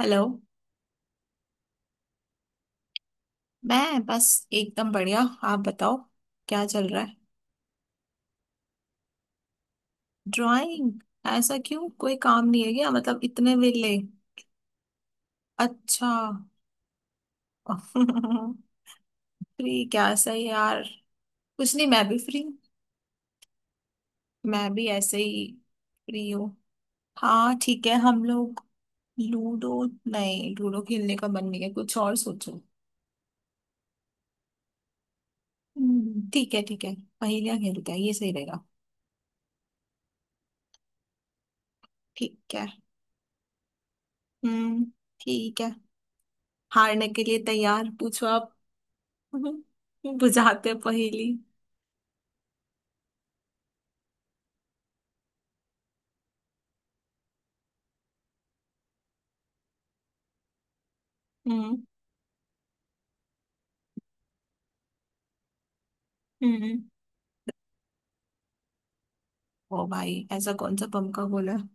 Hello. मैं बस एकदम बढ़िया। आप बताओ क्या चल रहा है। ड्राइंग? ऐसा क्यों, कोई काम नहीं है क्या, मतलब इतने वेले? अच्छा। फ्री क्या सही है यार। कुछ नहीं, मैं भी फ्री। मैं भी ऐसे ही फ्री हूँ। हाँ ठीक है, हम लोग लूडो? नहीं, लूडो खेलने का मन नहीं है, कुछ और सोचो। ठीक है ठीक है। पहेलियाँ खेलते हैं, ये सही रहेगा। ठीक है। हम्म। ठीक है। हारने के लिए तैयार, पूछो आप। बुझाते पहेली। हम्म। हम्म। ओ भाई, ऐसा कौन सा बम का गोला है?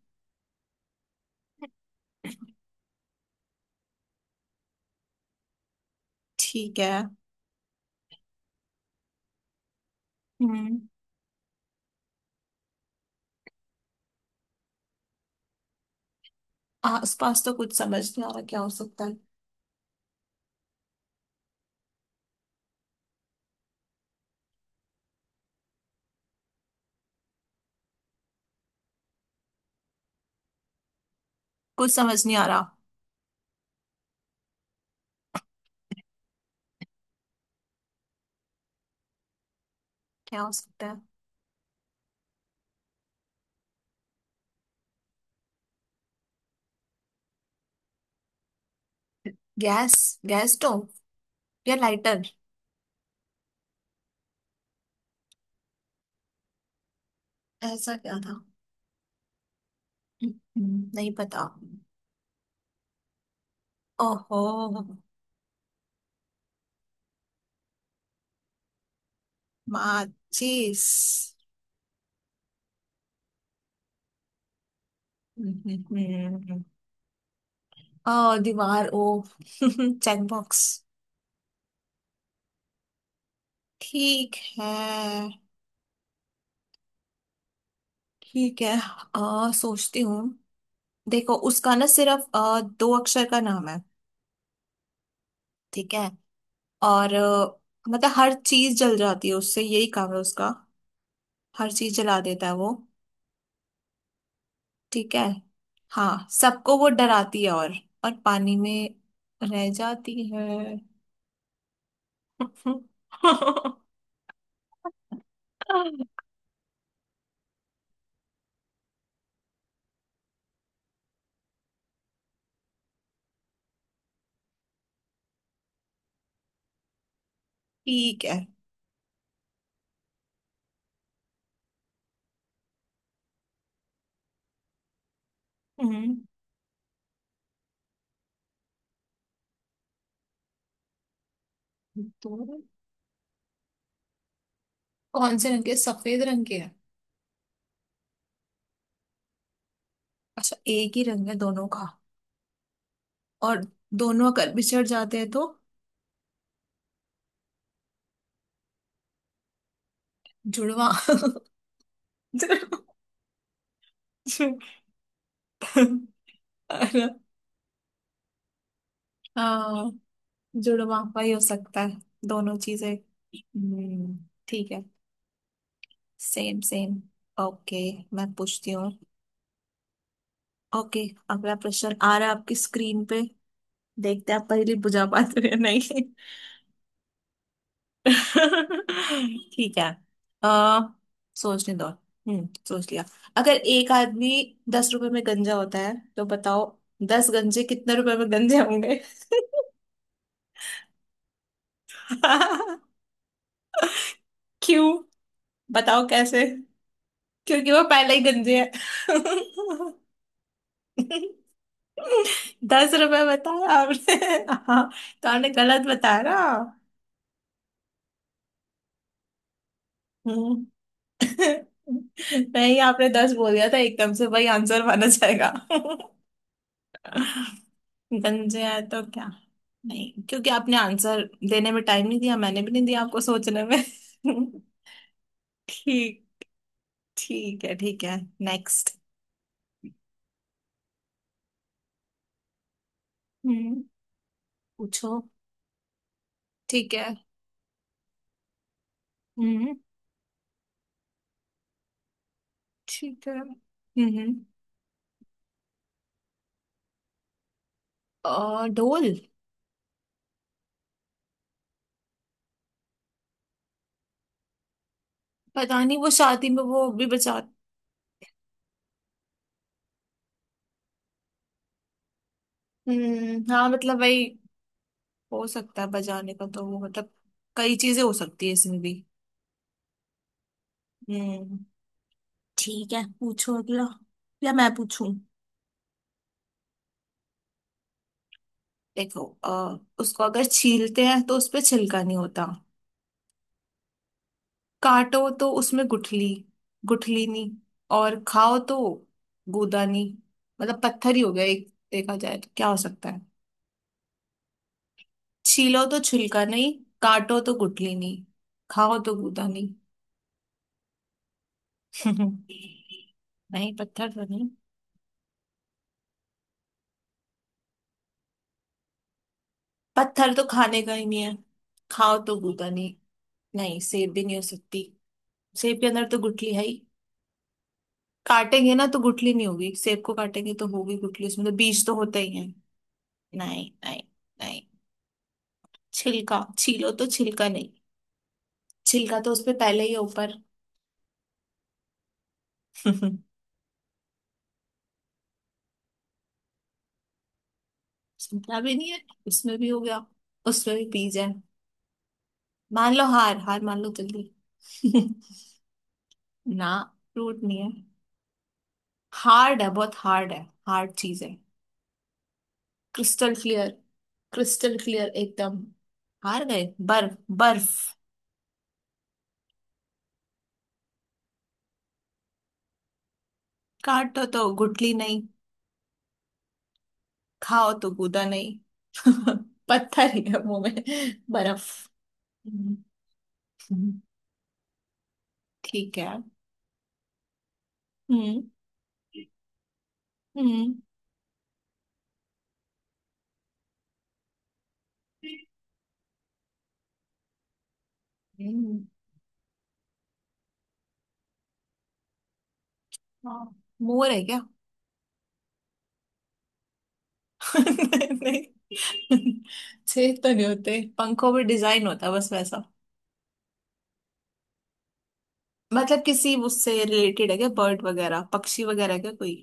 ठीक है। हम्म। आसपास तो कुछ समझ नहीं आ रहा क्या हो सकता है। कुछ समझ नहीं आ रहा क्या हो सकता है। गैस, गैस स्टोव, या लाइटर। ऐसा क्या था। नहीं पता। ओहो। माचिस। हम्म। ओ, दीवार, ओ। Check box. ठीक है। ठीक है। सोचती हूँ। देखो उसका ना सिर्फ दो अक्षर का नाम है। ठीक है। और मतलब हर चीज जल जाती है उससे, यही काम है उसका। हर चीज जला देता है वो। ठीक है। हाँ, सबको वो डराती है। और पानी में रह जाती है। ठीक है। हम्म। तो कौन से रंग के, सफेद रंग के है? अच्छा, एक ही रंग है दोनों का। और दोनों अगर बिछड़ जाते हैं तो जुड़वा। जुड़-, हाँ, जुड़वापा ही हो सकता है। दोनों चीजें। हम्म। ठीक है। Same same. ओके, मैं पूछती हूँ। ओके, अगला प्रश्न आ रहा है आपकी स्क्रीन पे। देखते हैं आप पहले बुझा पाते हो या नहीं। ठीक है। आ, सोचने दो। हम्म, सोच लिया। अगर एक आदमी दस रुपए में गंजा होता है तो बताओ दस गंजे कितने रुपए में गंजे होंगे। क्यों? बताओ कैसे। क्योंकि वो पहले ही गंजे है। दस रुपए बताया आपने। हाँ, तो आपने गलत बताया ना। हम्म। नहीं, आपने दस बोल दिया था एकदम से, वही आंसर माना जाएगा। गंजे आए तो क्या। नहीं, क्योंकि आपने आंसर देने में टाइम नहीं दिया, मैंने भी नहीं दिया आपको सोचने में। ठीक, ठीक है ठीक है। नेक्स्ट। हम्म। पूछो। ठीक है। हम्म। ठीक है। हम्म। ढोल। पता नहीं, वो शादी में वो भी बजाते। हम्म, हाँ मतलब वही हो सकता है, बजाने का तो वो मतलब कई चीजें हो सकती है इसमें भी। हम्म। ठीक है, पूछो अगला, या मैं पूछूं? देखो उसको अगर छीलते हैं तो उसपे छिलका नहीं होता। काटो तो उसमें गुठली, गुठली नहीं। और खाओ तो गूदा नहीं। मतलब पत्थर ही हो गया एक, देखा जाए तो क्या हो सकता है। छीलो तो छिलका नहीं, काटो तो गुठली नहीं, खाओ तो गूदा नहीं। नहीं पत्थर तो नहीं। पत्थर तो खाने का ही नहीं है। खाओ तो गूदा नहीं। नहीं, सेब भी नहीं हो सकती। सेब के अंदर तो गुठली है ही, काटेंगे ना तो गुठली नहीं होगी, सेब को काटेंगे तो होगी गुठली, उसमें तो बीज तो होते ही है। नहीं नहीं नहीं, छिलका छीलो तो छिलका नहीं। छिलका तो उसपे पहले ही है ऊपर। छिलका भी नहीं है। उसमें भी हो गया। उसमें भी बीज है। मान लो, हार हार मान लो जल्दी। ना, फ्रूट नहीं है। हार्ड है, बहुत हार्ड है। हार्ड चीज है। Crystal clear. क्रिस्टल क्लियर एकदम। हार गए। बर्फ। बर्फ। काटो तो गुठली नहीं, खाओ तो गूदा नहीं। पत्थर ही है मुंह में, बर्फ। हम्म, ठीक है। हम्म। हम्म। हम्म। हाँ। मोर है क्या? नहीं, छेद तो नहीं होते, पंखों पे डिजाइन होता है बस वैसा। मतलब किसी उससे रिलेटेड है क्या, बर्ड वगैरह, पक्षी वगैरह क्या कोई?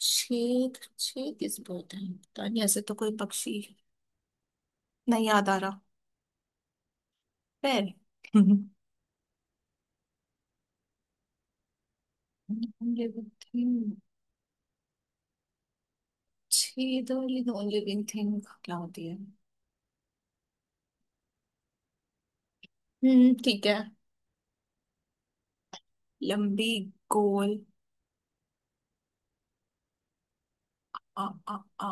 छींक छींक किस पर होता है पता नहीं, ऐसे तो कोई पक्षी नहीं याद आ रहा। पैर? Living thing? छेद वाली नॉन लिविंग थिंग क्या होती है? हम्म, ठीक है। लंबी, गोल। आ आ आ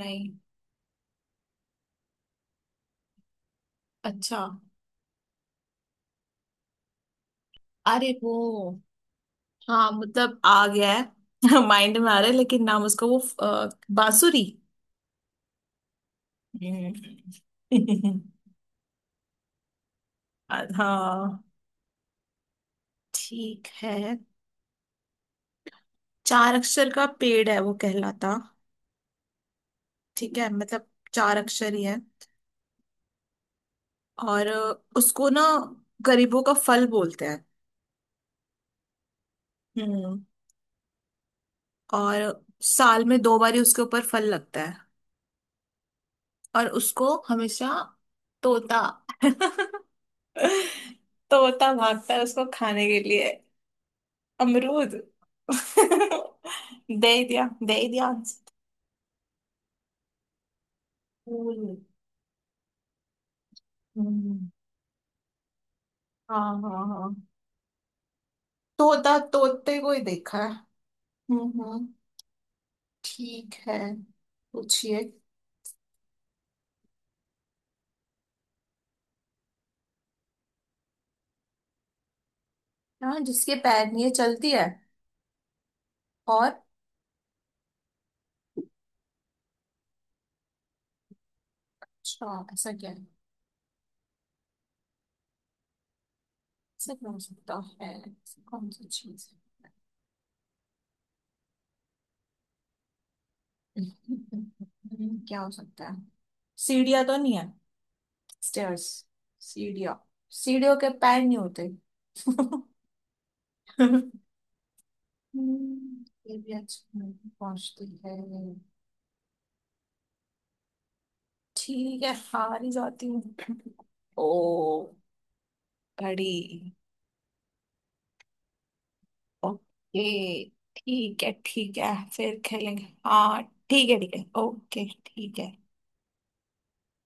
नहीं। अच्छा। अरे वो, हाँ मतलब आ गया है, माइंड में आ रहा है लेकिन नाम उसका वो बांसुरी। हम्म। हाँ। ठीक है। चार अक्षर का पेड़ है वो कहलाता। ठीक है, मतलब चार अक्षर ही है। और उसको ना गरीबों का फल बोलते हैं। हम्म। और साल में दो बार ही उसके ऊपर फल लगता है। और उसको हमेशा तोता, तोता भागता है उसको खाने के लिए। अमरूद। दे ही दिया, दे ही दिया। हम्म, हाँ हाँ हाँ। तोता, तोते को ही देखा है। हम्म। ठीक है। पूछिए। हाँ जिसके पैर नहीं है, चलती है। और अच्छा, ऐसा क्या है? ऐसा क्या हो सकता है? ऐसी कौन सी चीज है? क्या हो सकता है? सीढ़ियाँ तो नहीं है, स्टेयर्स, सीढ़ियाँ? सीढ़ियों के पैर नहीं होते। ये भी अच्छा, नहीं पहुंचती है। ठीक है, हार ही जाती हूँ। ओ, घड़ी। ओके ठीक है, ठीक है फिर खेलेंगे। हाँ ठीक है ठीक है, ओके, ठीक है।